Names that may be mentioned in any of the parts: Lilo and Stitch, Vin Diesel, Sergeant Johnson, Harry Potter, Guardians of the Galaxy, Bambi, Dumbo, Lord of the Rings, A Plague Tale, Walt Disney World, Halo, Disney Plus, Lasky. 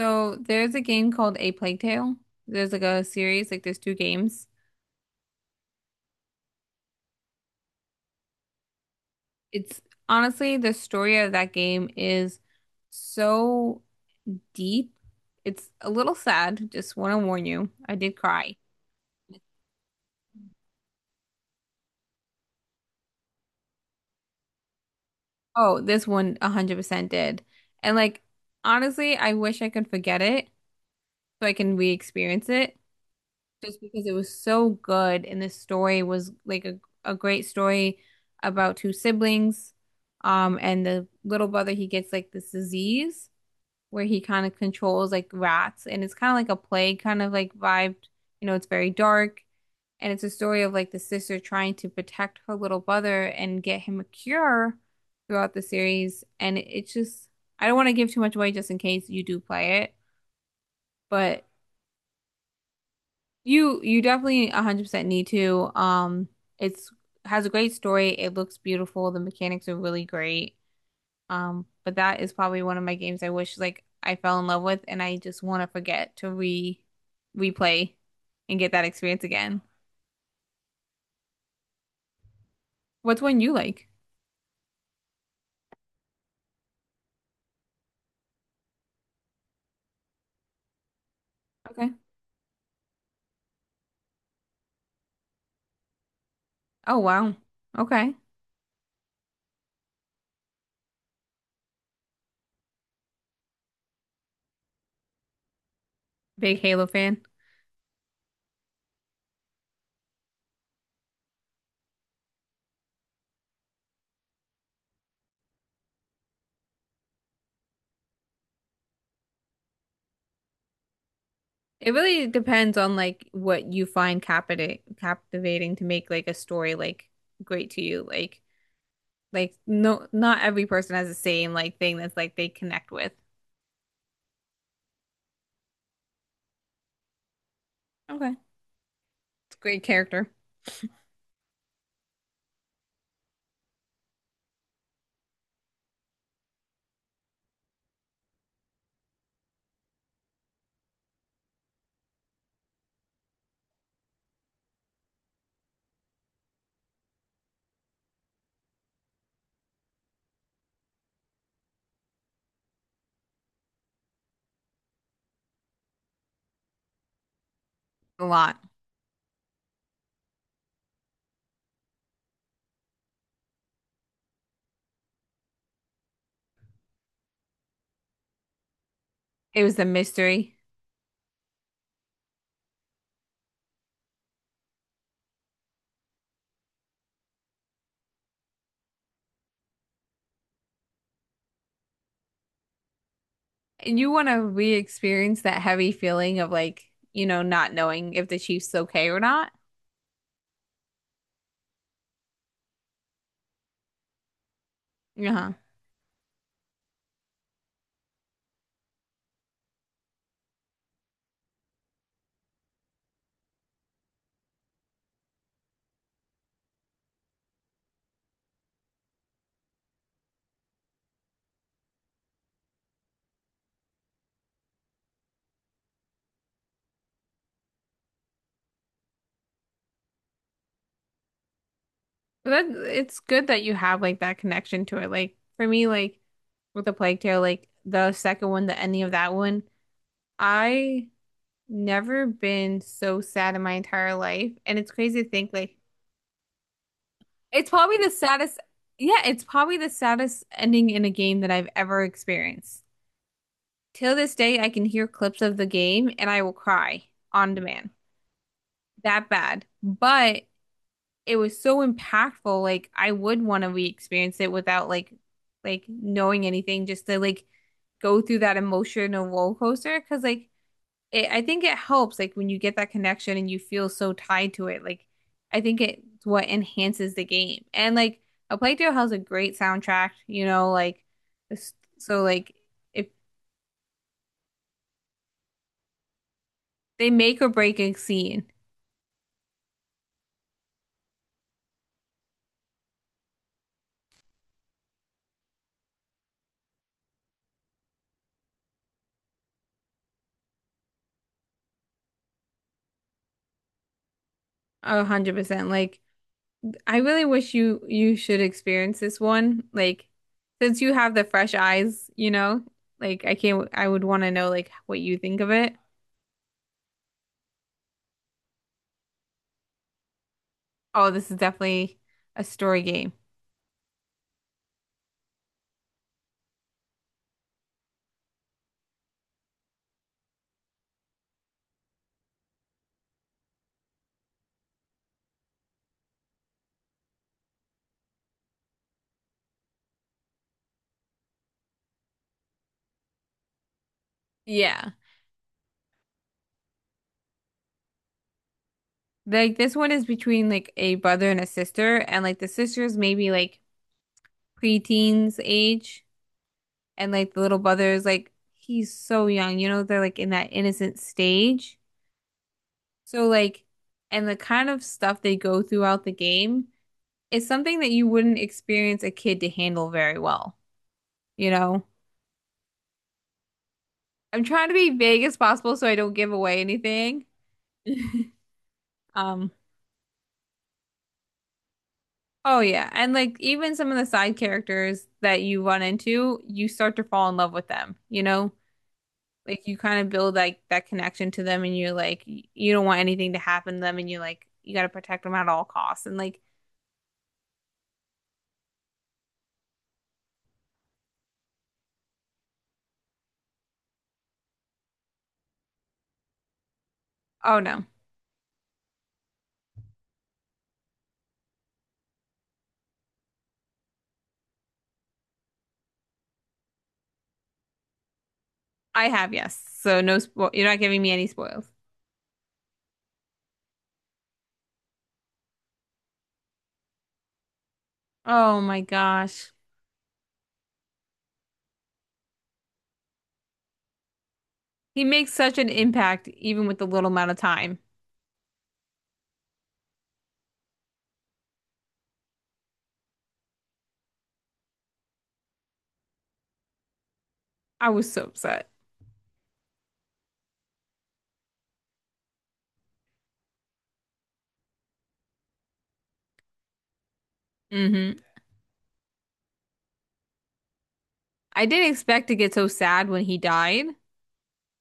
So there's a game called A Plague Tale. There's like a series, like there's two games. It's honestly the story of that game is so deep. It's a little sad, just want to warn you. I did cry. Oh, this one 100% did. And like honestly, I wish I could forget it so I can re-experience it, just because it was so good and this story was like a great story about two siblings and the little brother, he gets like this disease where he kind of controls like rats and it's kind of like a plague kind of like vibe, you know, it's very dark, and it's a story of like the sister trying to protect her little brother and get him a cure throughout the series. And it's just, I don't want to give too much away just in case you do play it, but you definitely 100% need to. It's, has a great story. It looks beautiful. The mechanics are really great. But that is probably one of my games I wish like I fell in love with, and I just want to forget to re replay and get that experience again. What's one you like? Okay. Oh wow. Okay. Big Halo fan. It really depends on like what you find captivating to make like a story like great to you. Like no, not every person has the same like thing that's like they connect with. Okay, it's a great character. A lot. It was a mystery. And you want to re-experience that heavy feeling of like, you know, not knowing if the Chief's okay or not. Uh-huh. But that it's good that you have like that connection to it. Like for me, like with the Plague Tale, like the second one, the ending of that one, I never been so sad in my entire life. And it's crazy to think, like, it's probably the saddest, yeah, it's probably the saddest ending in a game that I've ever experienced. Till this day, I can hear clips of the game and I will cry on demand. That bad. But it was so impactful. Like I would want to re-experience it without like like knowing anything, just to like go through that emotional roller coaster. Because like, it, I think it helps like when you get that connection and you feel so tied to it. Like I think it's what enhances the game. And like A Plague Tale has a great soundtrack, you know, like so like if they make or break a scene, 100%. Like I really wish you should experience this one. Like since you have the fresh eyes, you know, like I can't, I would want to know like what you think of it. Oh, this is definitely a story game. Yeah. Like this one is between like a brother and a sister, and like the sister's maybe like preteens age, and like the little brother is like, he's so young, you know, they're like in that innocent stage. So like, and the kind of stuff they go throughout the game is something that you wouldn't experience a kid to handle very well, you know? I'm trying to be vague as possible so I don't give away anything. Um, Oh yeah, and like even some of the side characters that you run into, you start to fall in love with them, you know? Like you kind of build like that connection to them, and you're like, you don't want anything to happen to them, and you're like you got to protect them at all costs and like, oh no. I have, yes. So no spo you're not giving me any spoils. Oh my gosh. He makes such an impact even with the little amount of time. I was so upset. Hmm. I didn't expect to get so sad when he died.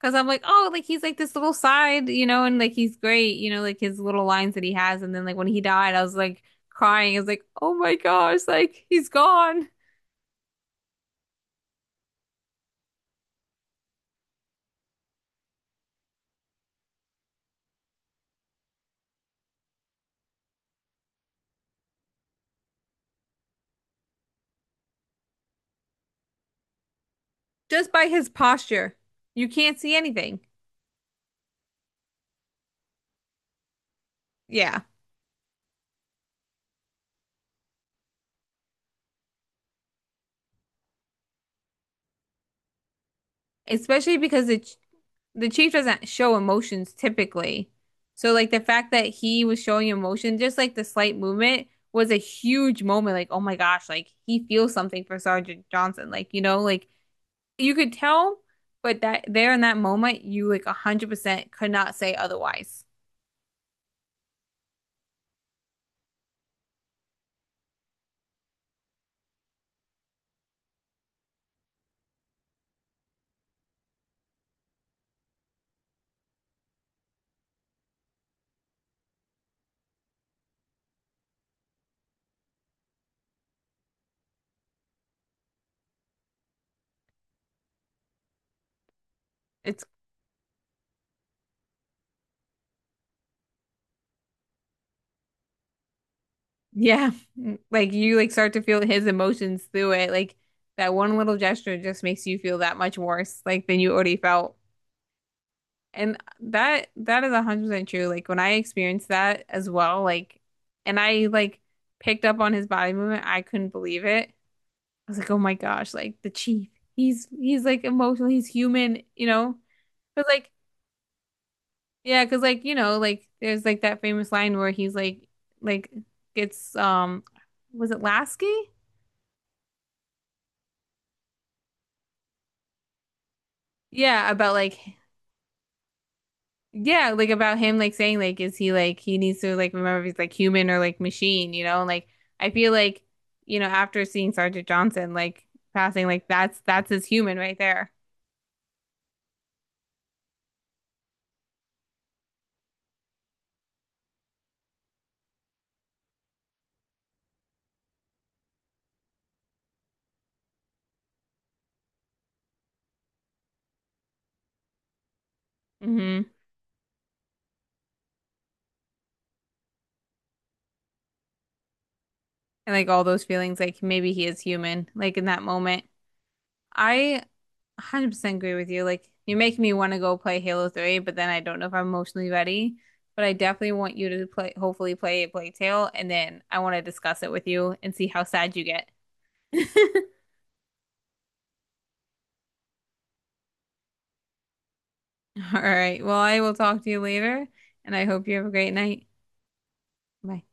Because I'm like, oh, like he's like this little side, you know, and like he's great, you know, like his little lines that he has. And then like when he died, I was like crying. I was like, oh my gosh, like he's gone, just by his posture. You can't see anything. Yeah. Especially because the the chief doesn't show emotions typically. So like the fact that he was showing emotion, just like the slight movement, was a huge moment. Like, oh my gosh, like he feels something for Sergeant Johnson. Like, you know, like you could tell, but that there in that moment, you like 100% could not say otherwise. It's, yeah, like you like start to feel his emotions through it. Like that one little gesture just makes you feel that much worse like than you already felt. And that is 100% true. Like when I experienced that as well, like, and I like picked up on his body movement, I couldn't believe it. I was like, "Oh my gosh, like the chief. He's like emotional, he's human, you know?" But like, yeah, because like you know, like there's like that famous line where he's like it's, was it Lasky? Yeah, about like, yeah, like about him like saying like, is he like, he needs to like remember if he's like human or like machine, you know? And like, I feel like, you know, after seeing Sergeant Johnson like passing, like that's his human right there. Hmm. And like all those feelings, like maybe he is human, like in that moment. I 100% agree with you. Like, you're making me want to go play Halo 3, but then I don't know if I'm emotionally ready. But I definitely want you to play, hopefully play Plague Tale, and then I want to discuss it with you and see how sad you get. All right. Well, I will talk to you later, and I hope you have a great night. Bye.